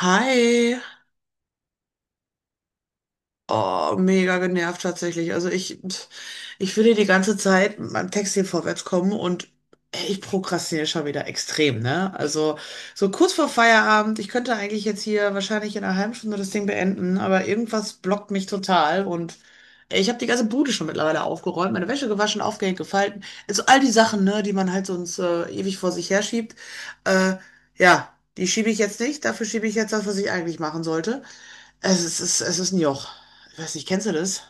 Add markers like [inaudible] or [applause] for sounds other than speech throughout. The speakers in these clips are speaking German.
Hi. Oh, mega genervt tatsächlich. Also ich will hier die ganze Zeit mit meinem Text hier vorwärts kommen und ich prokrastiniere schon wieder extrem, ne? Also so kurz vor Feierabend, ich könnte eigentlich jetzt hier wahrscheinlich in einer halben Stunde das Ding beenden, aber irgendwas blockt mich total und ich habe die ganze Bude schon mittlerweile aufgeräumt, meine Wäsche gewaschen, aufgehängt, gefalten. Also all die Sachen, ne, die man halt sonst ewig vor sich herschiebt. Äh, ja, die schiebe ich jetzt nicht, dafür schiebe ich jetzt das, was ich eigentlich machen sollte. Es ist ein Joch. Ich weiß nicht, kennst du das?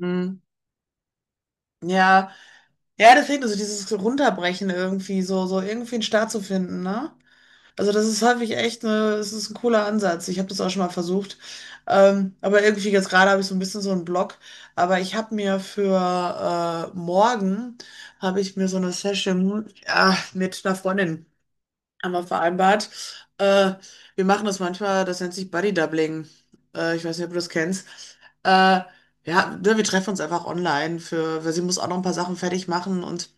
Hm. Ja, ja, das fehlt so dieses Runterbrechen irgendwie, so, so irgendwie einen Start zu finden, ne? Also das ist häufig echt es ist ein cooler Ansatz. Ich habe das auch schon mal versucht. Aber irgendwie jetzt gerade habe ich so ein bisschen so einen Block. Aber ich habe mir für morgen habe ich mir so eine Session mit einer Freundin haben wir vereinbart. Äh, wir machen das manchmal, das nennt sich Buddy Doubling. Ich weiß nicht, ob du das kennst. Äh, ja, ne, wir treffen uns einfach online für, weil sie muss auch noch ein paar Sachen fertig machen und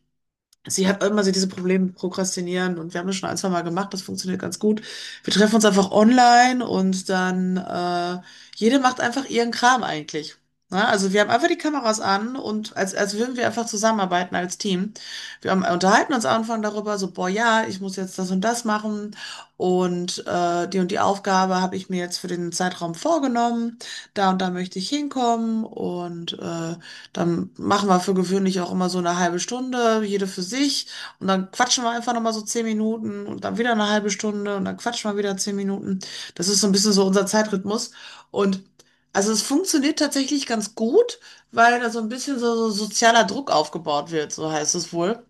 sie hat immer so diese Probleme mit Prokrastinieren und wir haben das schon ein, zwei Mal gemacht, das funktioniert ganz gut. Wir treffen uns einfach online und dann jede macht einfach ihren Kram eigentlich. Ne? Also wir haben einfach die Kameras an und als würden wir einfach zusammenarbeiten als Team. Wir haben unterhalten uns am Anfang darüber, so, boah, ja, ich muss jetzt das und das machen und die und die Aufgabe habe ich mir jetzt für den Zeitraum vorgenommen. Da und da möchte ich hinkommen und dann machen wir für gewöhnlich auch immer so eine halbe Stunde, jede für sich. Und dann quatschen wir einfach nochmal so zehn Minuten und dann wieder eine halbe Stunde und dann quatschen wir wieder zehn Minuten. Das ist so ein bisschen so unser Zeitrhythmus. Und also es funktioniert tatsächlich ganz gut, weil da so ein bisschen so sozialer Druck aufgebaut wird, so heißt es wohl.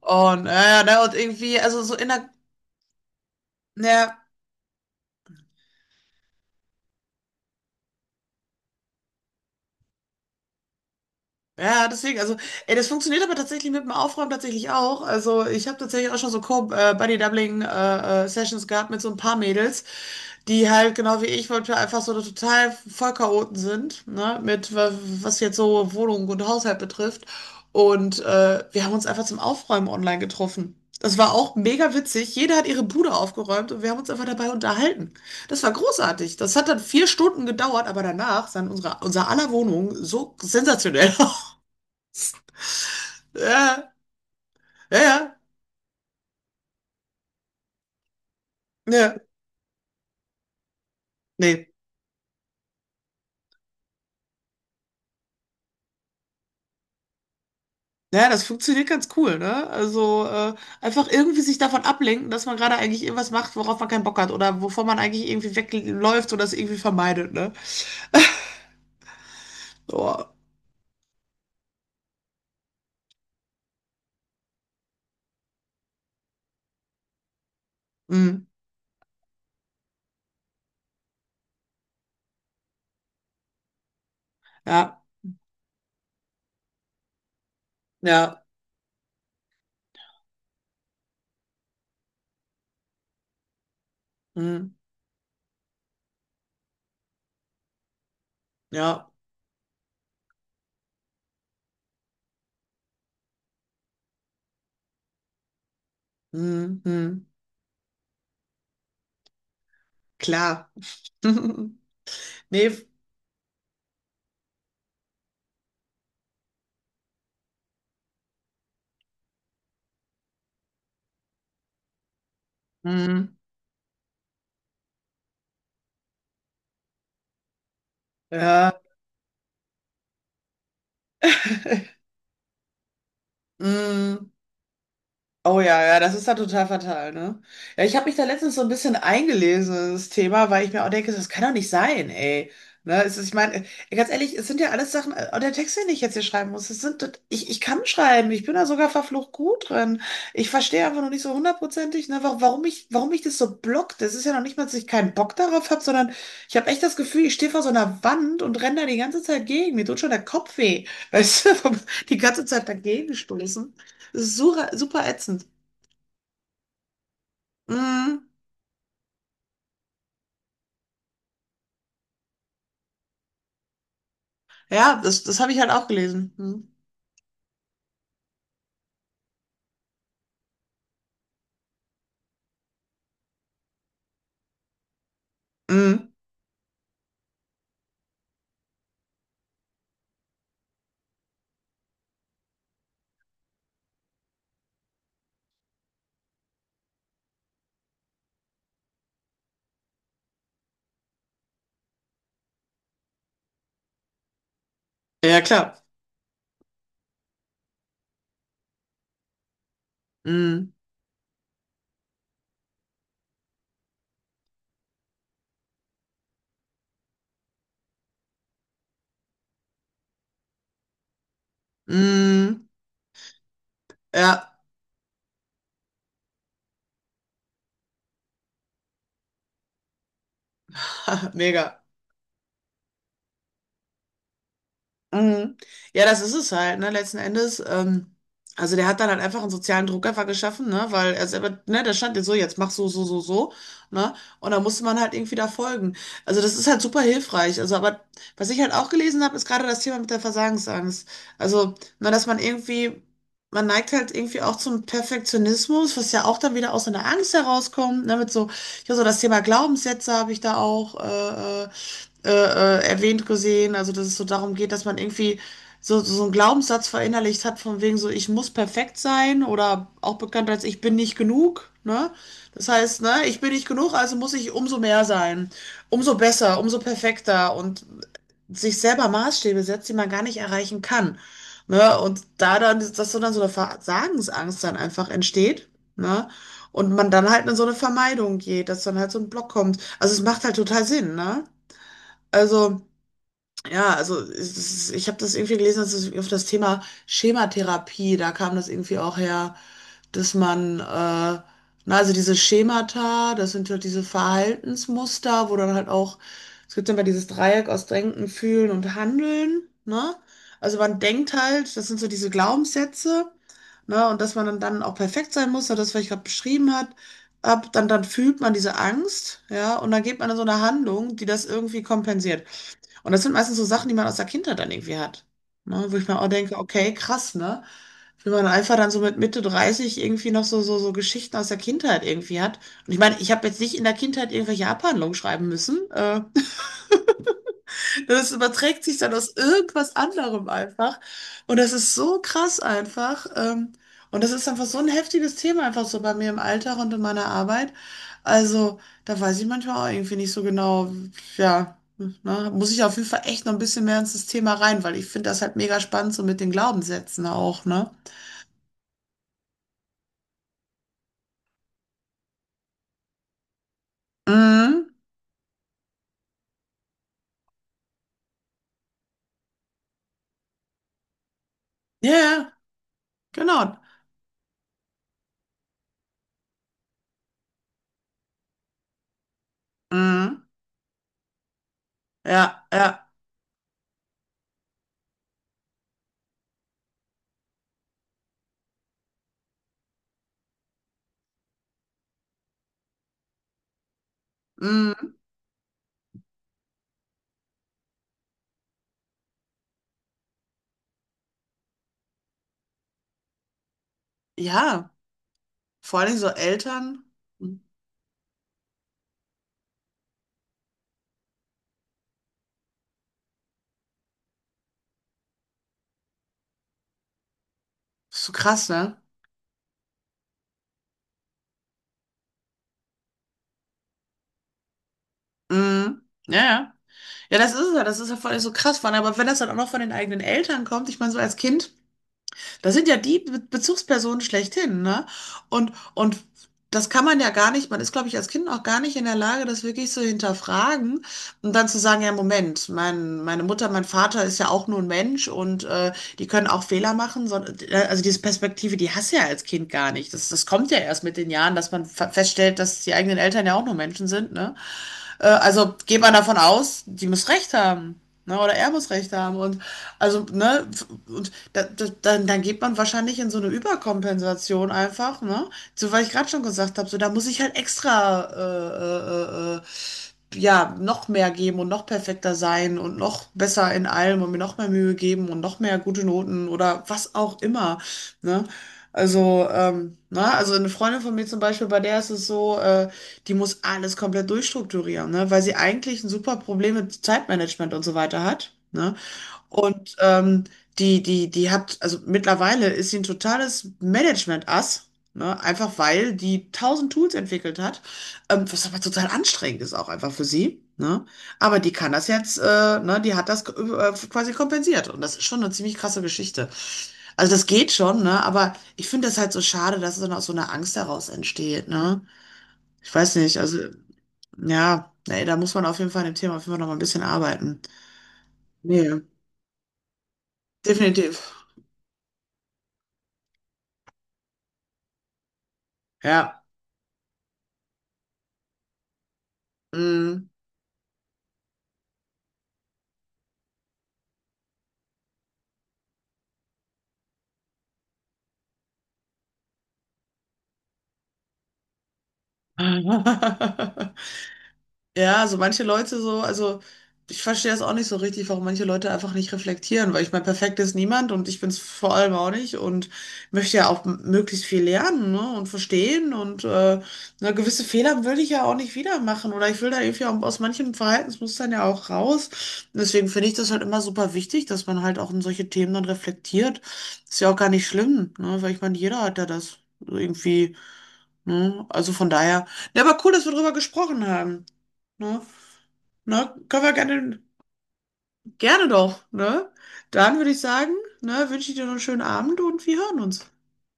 Und, ne, und irgendwie, also so in der, ja, Ja, deswegen, also, ey, das funktioniert aber tatsächlich mit dem Aufräumen tatsächlich auch. Also, ich habe tatsächlich auch schon so Co-Buddy-Doubling-Sessions gehabt mit so ein paar Mädels, die halt genau wie ich wollte, einfach so total Vollchaoten sind, ne, mit was jetzt so Wohnung und Haushalt betrifft. Und wir haben uns einfach zum Aufräumen online getroffen. Das war auch mega witzig. Jeder hat ihre Bude aufgeräumt und wir haben uns einfach dabei unterhalten. Das war großartig. Das hat dann vier Stunden gedauert, aber danach sah unser aller Wohnung so sensationell [laughs] Ja, ja, ja, ja, nee. Naja, das funktioniert ganz cool, ne? Also einfach irgendwie sich davon ablenken, dass man gerade eigentlich irgendwas macht, worauf man keinen Bock hat oder wovon man eigentlich irgendwie wegläuft oder es irgendwie vermeidet, ne? [laughs] Oh, mm, ja, ja, mm, ja, mm, mm, klar. [laughs] Nee, mm, ja, mm. Oh ja, ja, das ist da total fatal, ne? Ja, ich habe mich da letztens so ein bisschen eingelesen in das Thema, weil ich mir auch denke, das kann doch nicht sein, ey. Ne, es ist, ich meine, ganz ehrlich, es sind ja alles Sachen, auch der Text, den ich jetzt hier schreiben muss, es sind, ich kann schreiben, ich bin da sogar verflucht gut drin. Ich verstehe einfach noch nicht so hundertprozentig, ne, warum mich das so blockt. Das ist ja noch nicht mal, dass ich keinen Bock darauf habe, sondern ich habe echt das Gefühl, ich stehe vor so einer Wand und renne da die ganze Zeit gegen. Mir tut schon der Kopf weh, weißt du, [laughs] die ganze Zeit dagegen stoßen. Das ist super, super ätzend. Mhm. Ja, das habe ich halt auch gelesen. Mhm. Mhm. Ja, klar. Mhm. Mhm. Ja, [laughs] mega. Mhm. Ja, das ist es halt, ne, letzten Endes. Also der hat dann halt einfach einen sozialen Druck einfach geschaffen, ne, weil er selber, ne, da stand jetzt so, jetzt mach so, so, so, so, ne, und da musste man halt irgendwie da folgen. Also das ist halt super hilfreich. Also, aber was ich halt auch gelesen habe, ist gerade das Thema mit der Versagensangst. Also, ne, dass man irgendwie, man neigt halt irgendwie auch zum Perfektionismus, was ja auch dann wieder aus so einer Angst herauskommt, ne, mit so, ja, so das Thema Glaubenssätze habe ich da auch, erwähnt gesehen, also dass es so darum geht, dass man irgendwie so, so einen Glaubenssatz verinnerlicht hat, von wegen so, ich muss perfekt sein oder auch bekannt als ich bin nicht genug, ne? Das heißt, ne, ich bin nicht genug, also muss ich umso mehr sein, umso besser, umso perfekter und sich selber Maßstäbe setzt, die man gar nicht erreichen kann, ne? Und da dann, dass so dann so eine Versagensangst dann einfach entsteht, ne? Und man dann halt in so eine Vermeidung geht, dass dann halt so ein Block kommt. Also es macht halt total Sinn, ne? Also, ja, also ich habe das irgendwie gelesen, dass es auf das Thema Schematherapie, da kam das irgendwie auch her, dass man, na, also diese Schemata, das sind halt diese Verhaltensmuster, wo dann halt auch, es gibt immer dieses Dreieck aus Denken, Fühlen und Handeln, ne? Also man denkt halt, das sind so diese Glaubenssätze, ne? Und dass man dann, dann auch perfekt sein muss, so das, was ich gerade beschrieben hat, dann fühlt man diese Angst, ja, und dann geht man in so eine Handlung, die das irgendwie kompensiert. Und das sind meistens so Sachen, die man aus der Kindheit dann irgendwie hat. Ne? Wo ich mir auch denke, okay, krass, ne? Wie man einfach dann so mit Mitte 30 irgendwie noch so, so, so Geschichten aus der Kindheit irgendwie hat. Und ich meine, ich habe jetzt nicht in der Kindheit irgendwelche Abhandlungen schreiben müssen. Das überträgt sich dann aus irgendwas anderem einfach. Und das ist so krass einfach. Und das ist einfach so ein heftiges Thema einfach so bei mir im Alltag und in meiner Arbeit. Also, da weiß ich manchmal auch irgendwie nicht so genau, ja, ne, muss ich auf jeden Fall echt noch ein bisschen mehr ins Thema rein, weil ich finde das halt mega spannend, so mit den Glaubenssätzen auch, ne? Mhm. Ja, ja, genau. Mhm. Ja, ja. Mhm. Ja, vor allem so Eltern. Mhm. Ist so krass, ne? Mhm. Ja, ja. Ja, das ist es ja. Das ist ja voll so krass von. Aber wenn das dann auch noch von den eigenen Eltern kommt, ich meine, so als Kind, das sind ja die Be Bezugspersonen schlechthin, ne? Und das kann man ja gar nicht, man ist, glaube ich, als Kind auch gar nicht in der Lage, das wirklich zu hinterfragen und dann zu sagen, ja, Moment, meine Mutter, mein Vater ist ja auch nur ein Mensch und die können auch Fehler machen. So, also diese Perspektive, die hast du ja als Kind gar nicht. Das kommt ja erst mit den Jahren, dass man feststellt, dass die eigenen Eltern ja auch nur Menschen sind, ne? Also geht man davon aus, die muss recht haben. Ne? Oder er muss recht haben. Und also, ne, und da, dann geht man wahrscheinlich in so eine Überkompensation einfach, ne? So, weil ich gerade schon gesagt habe, so da muss ich halt extra ja, noch mehr geben und noch perfekter sein und noch besser in allem und mir noch mehr Mühe geben und noch mehr gute Noten oder was auch immer, ne? Also, na, also eine Freundin von mir zum Beispiel, bei der ist es so, die muss alles komplett durchstrukturieren, ne? Weil sie eigentlich ein super Problem mit Zeitmanagement und so weiter hat, ne? Und die hat, also mittlerweile ist sie ein totales Management-Ass, ne? Einfach weil die tausend Tools entwickelt hat, was aber total anstrengend ist auch einfach für sie. Ne? Aber die kann das jetzt, ne, die hat das quasi kompensiert. Und das ist schon eine ziemlich krasse Geschichte. Also das geht schon, ne? Aber ich finde das halt so schade, dass es dann aus so einer Angst heraus entsteht, ne? Ich weiß nicht, also. Ja, nee, da muss man auf jeden Fall an dem Thema auf jeden Fall noch mal ein bisschen arbeiten. Nee, definitiv. Ja. Mm. [laughs] Ja, so manche Leute so, also ich verstehe das auch nicht so richtig, warum manche Leute einfach nicht reflektieren, weil ich meine, perfekt ist niemand und ich bin es vor allem auch nicht und möchte ja auch möglichst viel lernen, ne, und verstehen und na, gewisse Fehler will ich ja auch nicht wieder machen oder ich will da irgendwie auch aus manchen Verhaltensmustern ja auch raus. Und deswegen finde ich das halt immer super wichtig, dass man halt auch in solche Themen dann reflektiert. Ist ja auch gar nicht schlimm, ne, weil ich meine, jeder hat ja das irgendwie Ne? Also von daher, ja, aber cool, dass wir drüber gesprochen haben. Ne? Ne? Können wir gerne, gerne doch, ne? Dann würde ich sagen, ne, wünsche ich dir noch einen schönen Abend und wir hören uns.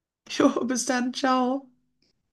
[laughs] Jo, bis dann, ciao.